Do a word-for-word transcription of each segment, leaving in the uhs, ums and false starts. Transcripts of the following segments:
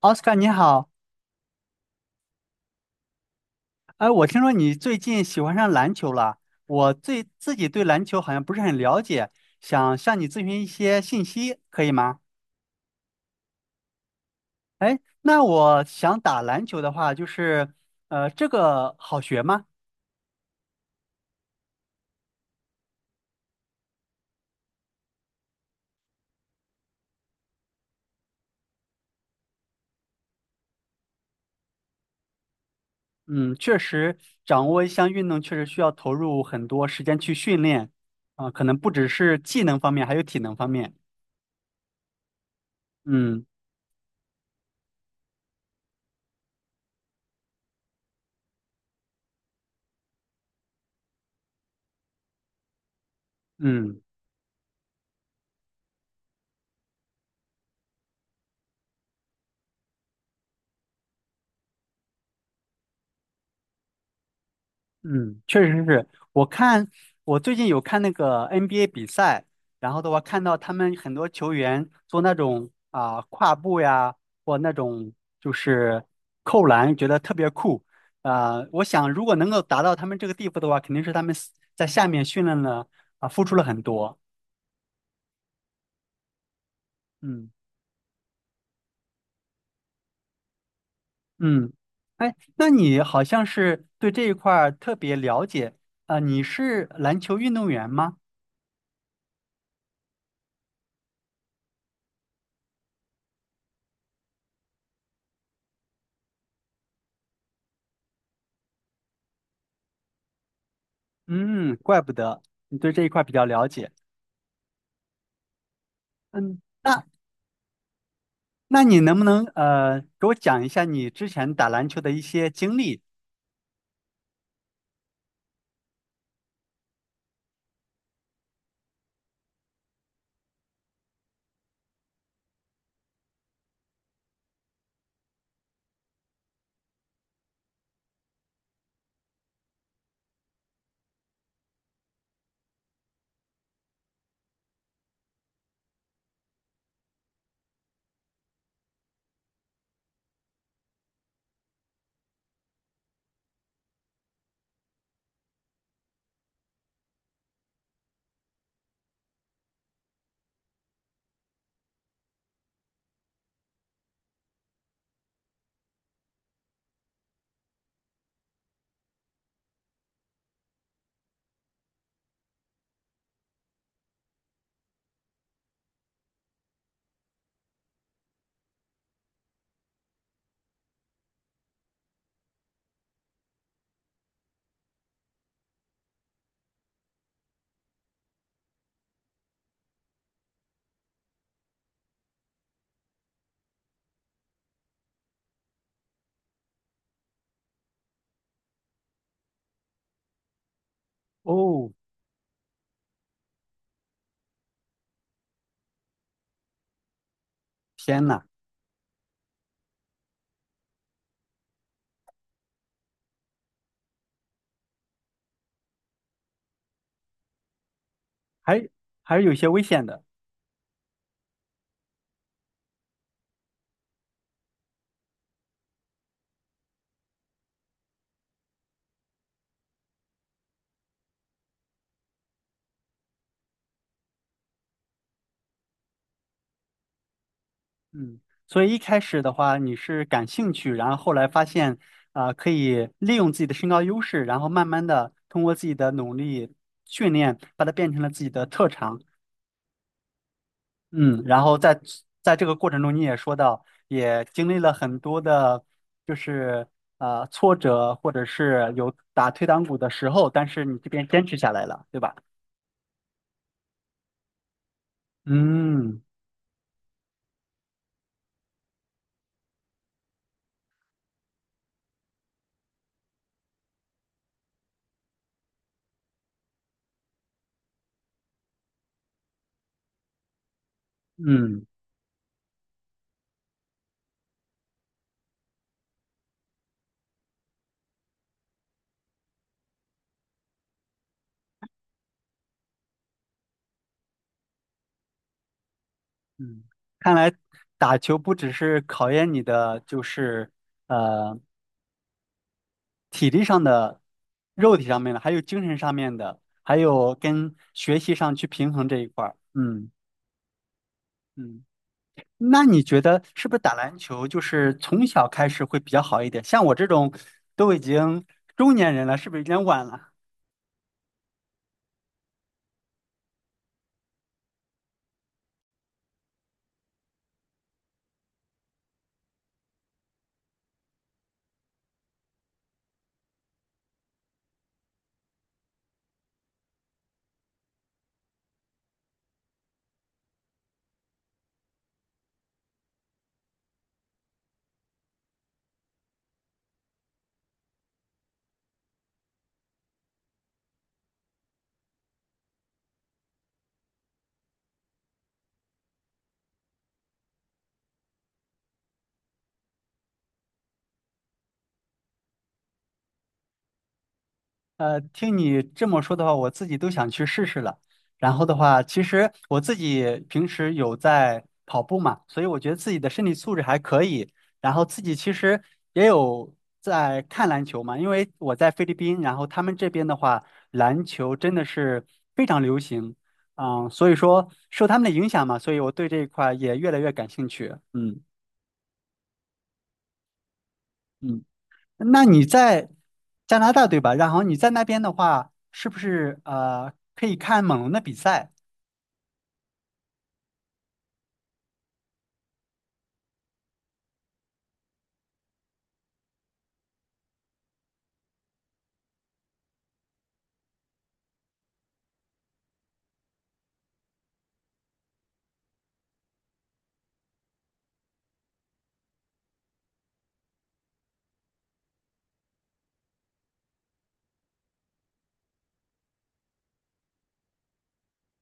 奥斯卡你好，哎，我听说你最近喜欢上篮球了。我最自己对篮球好像不是很了解，想向你咨询一些信息，可以吗？哎，那我想打篮球的话，就是呃，这个好学吗？嗯，确实，掌握一项运动确实需要投入很多时间去训练，啊、可能不只是技能方面，还有体能方面。嗯。嗯，嗯，确实是。我看我最近有看那个 N B A 比赛，然后的话看到他们很多球员做那种啊、跨步呀，或那种就是扣篮，觉得特别酷。啊、我想如果能够达到他们这个地步的话，肯定是他们在下面训练了，啊、付出了很多。嗯嗯。哎，那你好像是对这一块儿特别了解，啊、你是篮球运动员吗？嗯，怪不得你对这一块儿比较了解。嗯，那那你能不能呃给我讲一下你之前打篮球的一些经历？哦，天呐，还还是有些危险的。嗯，所以一开始的话你是感兴趣，然后后来发现啊、呃可以利用自己的身高优势，然后慢慢的通过自己的努力训练，把它变成了自己的特长。嗯，然后在在这个过程中，你也说到，也经历了很多的，就是呃挫折，或者是有打退堂鼓的时候，但是你这边坚持下来了，对吧？嗯。嗯嗯，看来打球不只是考验你的，就是呃体力上的、肉体上面的，还有精神上面的，还有跟学习上去平衡这一块儿。嗯嗯。那你觉得是不是打篮球就是从小开始会比较好一点？像我这种都已经中年人了，是不是有点晚了？呃，听你这么说的话，我自己都想去试试了。然后的话，其实我自己平时有在跑步嘛，所以我觉得自己的身体素质还可以。然后自己其实也有在看篮球嘛，因为我在菲律宾，然后他们这边的话，篮球真的是非常流行，嗯，所以说受他们的影响嘛，所以我对这一块儿也越来越感兴趣。嗯嗯。那你在加拿大对吧？然后你在那边的话，是不是呃可以看猛龙的比赛？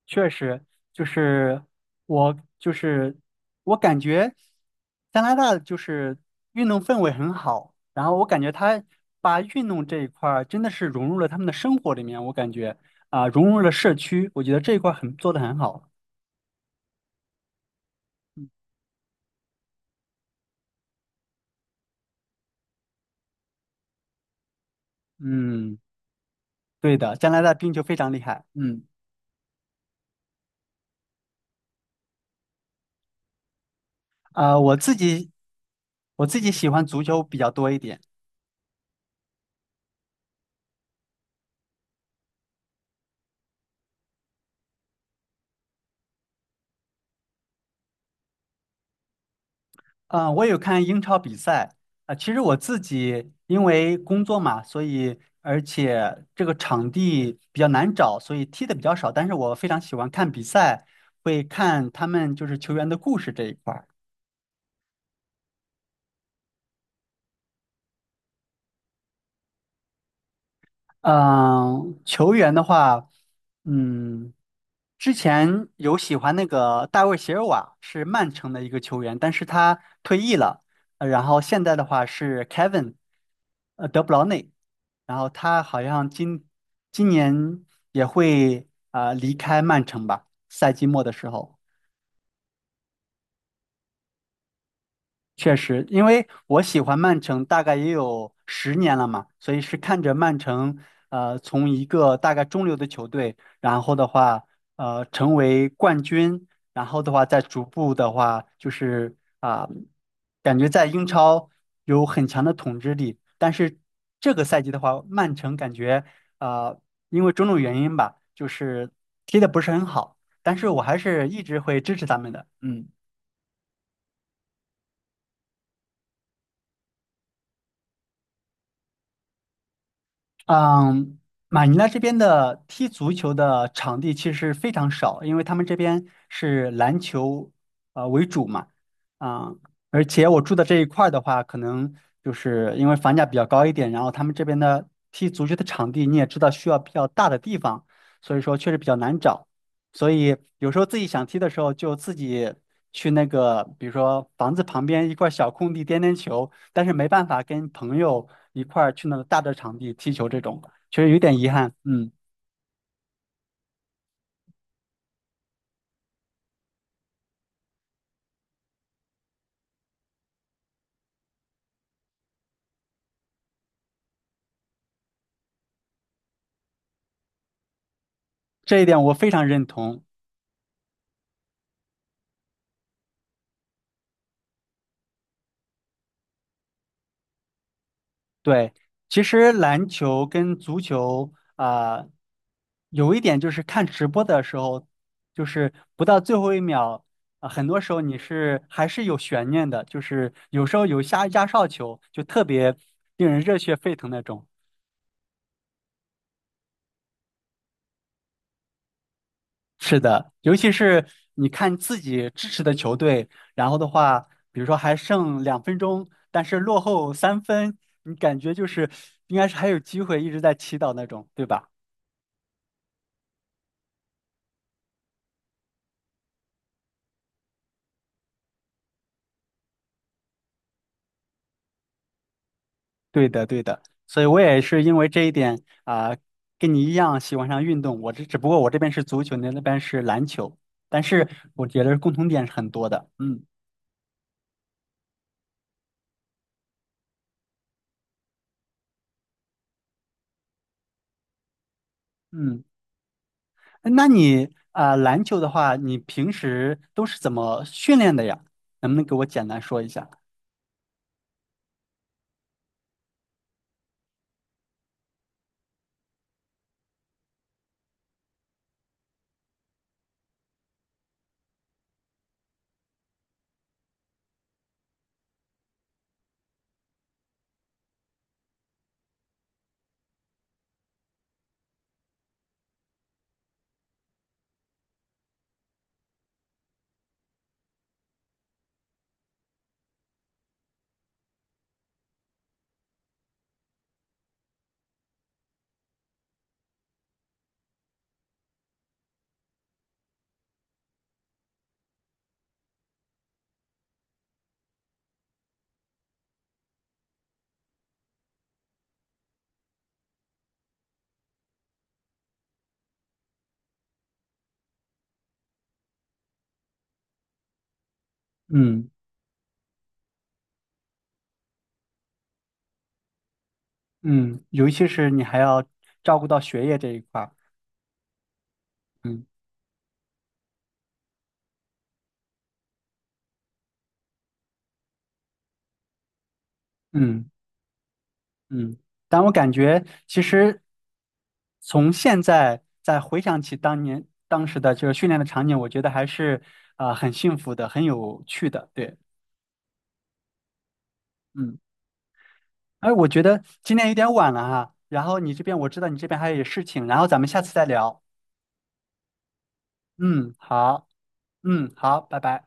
确实，就是我就是我感觉加拿大就是运动氛围很好，然后我感觉他把运动这一块儿真的是融入了他们的生活里面，我感觉啊、融入了社区，我觉得这一块儿很做的很好。嗯，对的，加拿大冰球非常厉害。嗯，啊、我自己我自己喜欢足球比较多一点。嗯，我有看英超比赛啊，其实我自己因为工作嘛，所以而且这个场地比较难找，所以踢的比较少。但是我非常喜欢看比赛，会看他们就是球员的故事这一块儿。嗯，球员的话，嗯。之前有喜欢那个大卫席尔瓦，是曼城的一个球员，但是他退役了。呃然后现在的话是 Kevin，呃，德布劳内，然后他好像今今年也会啊呃离开曼城吧，赛季末的时候。确实，因为我喜欢曼城大概也有十年了嘛，所以是看着曼城，呃，从一个大概中流的球队，然后的话，呃，成为冠军，然后的话再逐步的话，就是啊、感觉在英超有很强的统治力。但是这个赛季的话，曼城感觉啊、因为种种原因吧，就是踢的不是很好，但是我还是一直会支持他们的，嗯。嗯，马尼拉这边的踢足球的场地其实非常少，因为他们这边是篮球呃为主嘛，啊、而且我住的这一块儿的话，可能就是因为房价比较高一点，然后他们这边的踢足球的场地你也知道需要比较大的地方，所以说确实比较难找，所以有时候自己想踢的时候就自己去那个，比如说房子旁边一块小空地颠颠球，但是没办法跟朋友一块儿去那个大的场地踢球，这种确实有点遗憾。嗯，这一点我非常认同。对，其实篮球跟足球啊、有一点就是看直播的时候，就是不到最后一秒。啊，很多时候你是还是有悬念的，就是有时候有下压哨球，就特别令人热血沸腾那种。是的，尤其是你看自己支持的球队，然后的话，比如说还剩两分钟，但是落后三分，你感觉就是应该是还有机会，一直在祈祷那种，对吧？对的，对的。所以我也是因为这一点啊，跟你一样喜欢上运动。我这只不过我这边是足球，你那边是篮球，但是我觉得共同点是很多的。嗯，嗯，那你啊，篮球的话，你平时都是怎么训练的呀？能不能给我简单说一下？嗯，嗯，尤其是你还要照顾到学业这一块儿，嗯嗯嗯。但我感觉，其实从现在再回想起当年当时的这个训练的场景，我觉得还是啊、很幸福的，很有趣的。对，嗯。哎，我觉得今天有点晚了哈，然后你这边我知道你这边还有事情，然后咱们下次再聊。嗯，好，嗯，好，拜拜。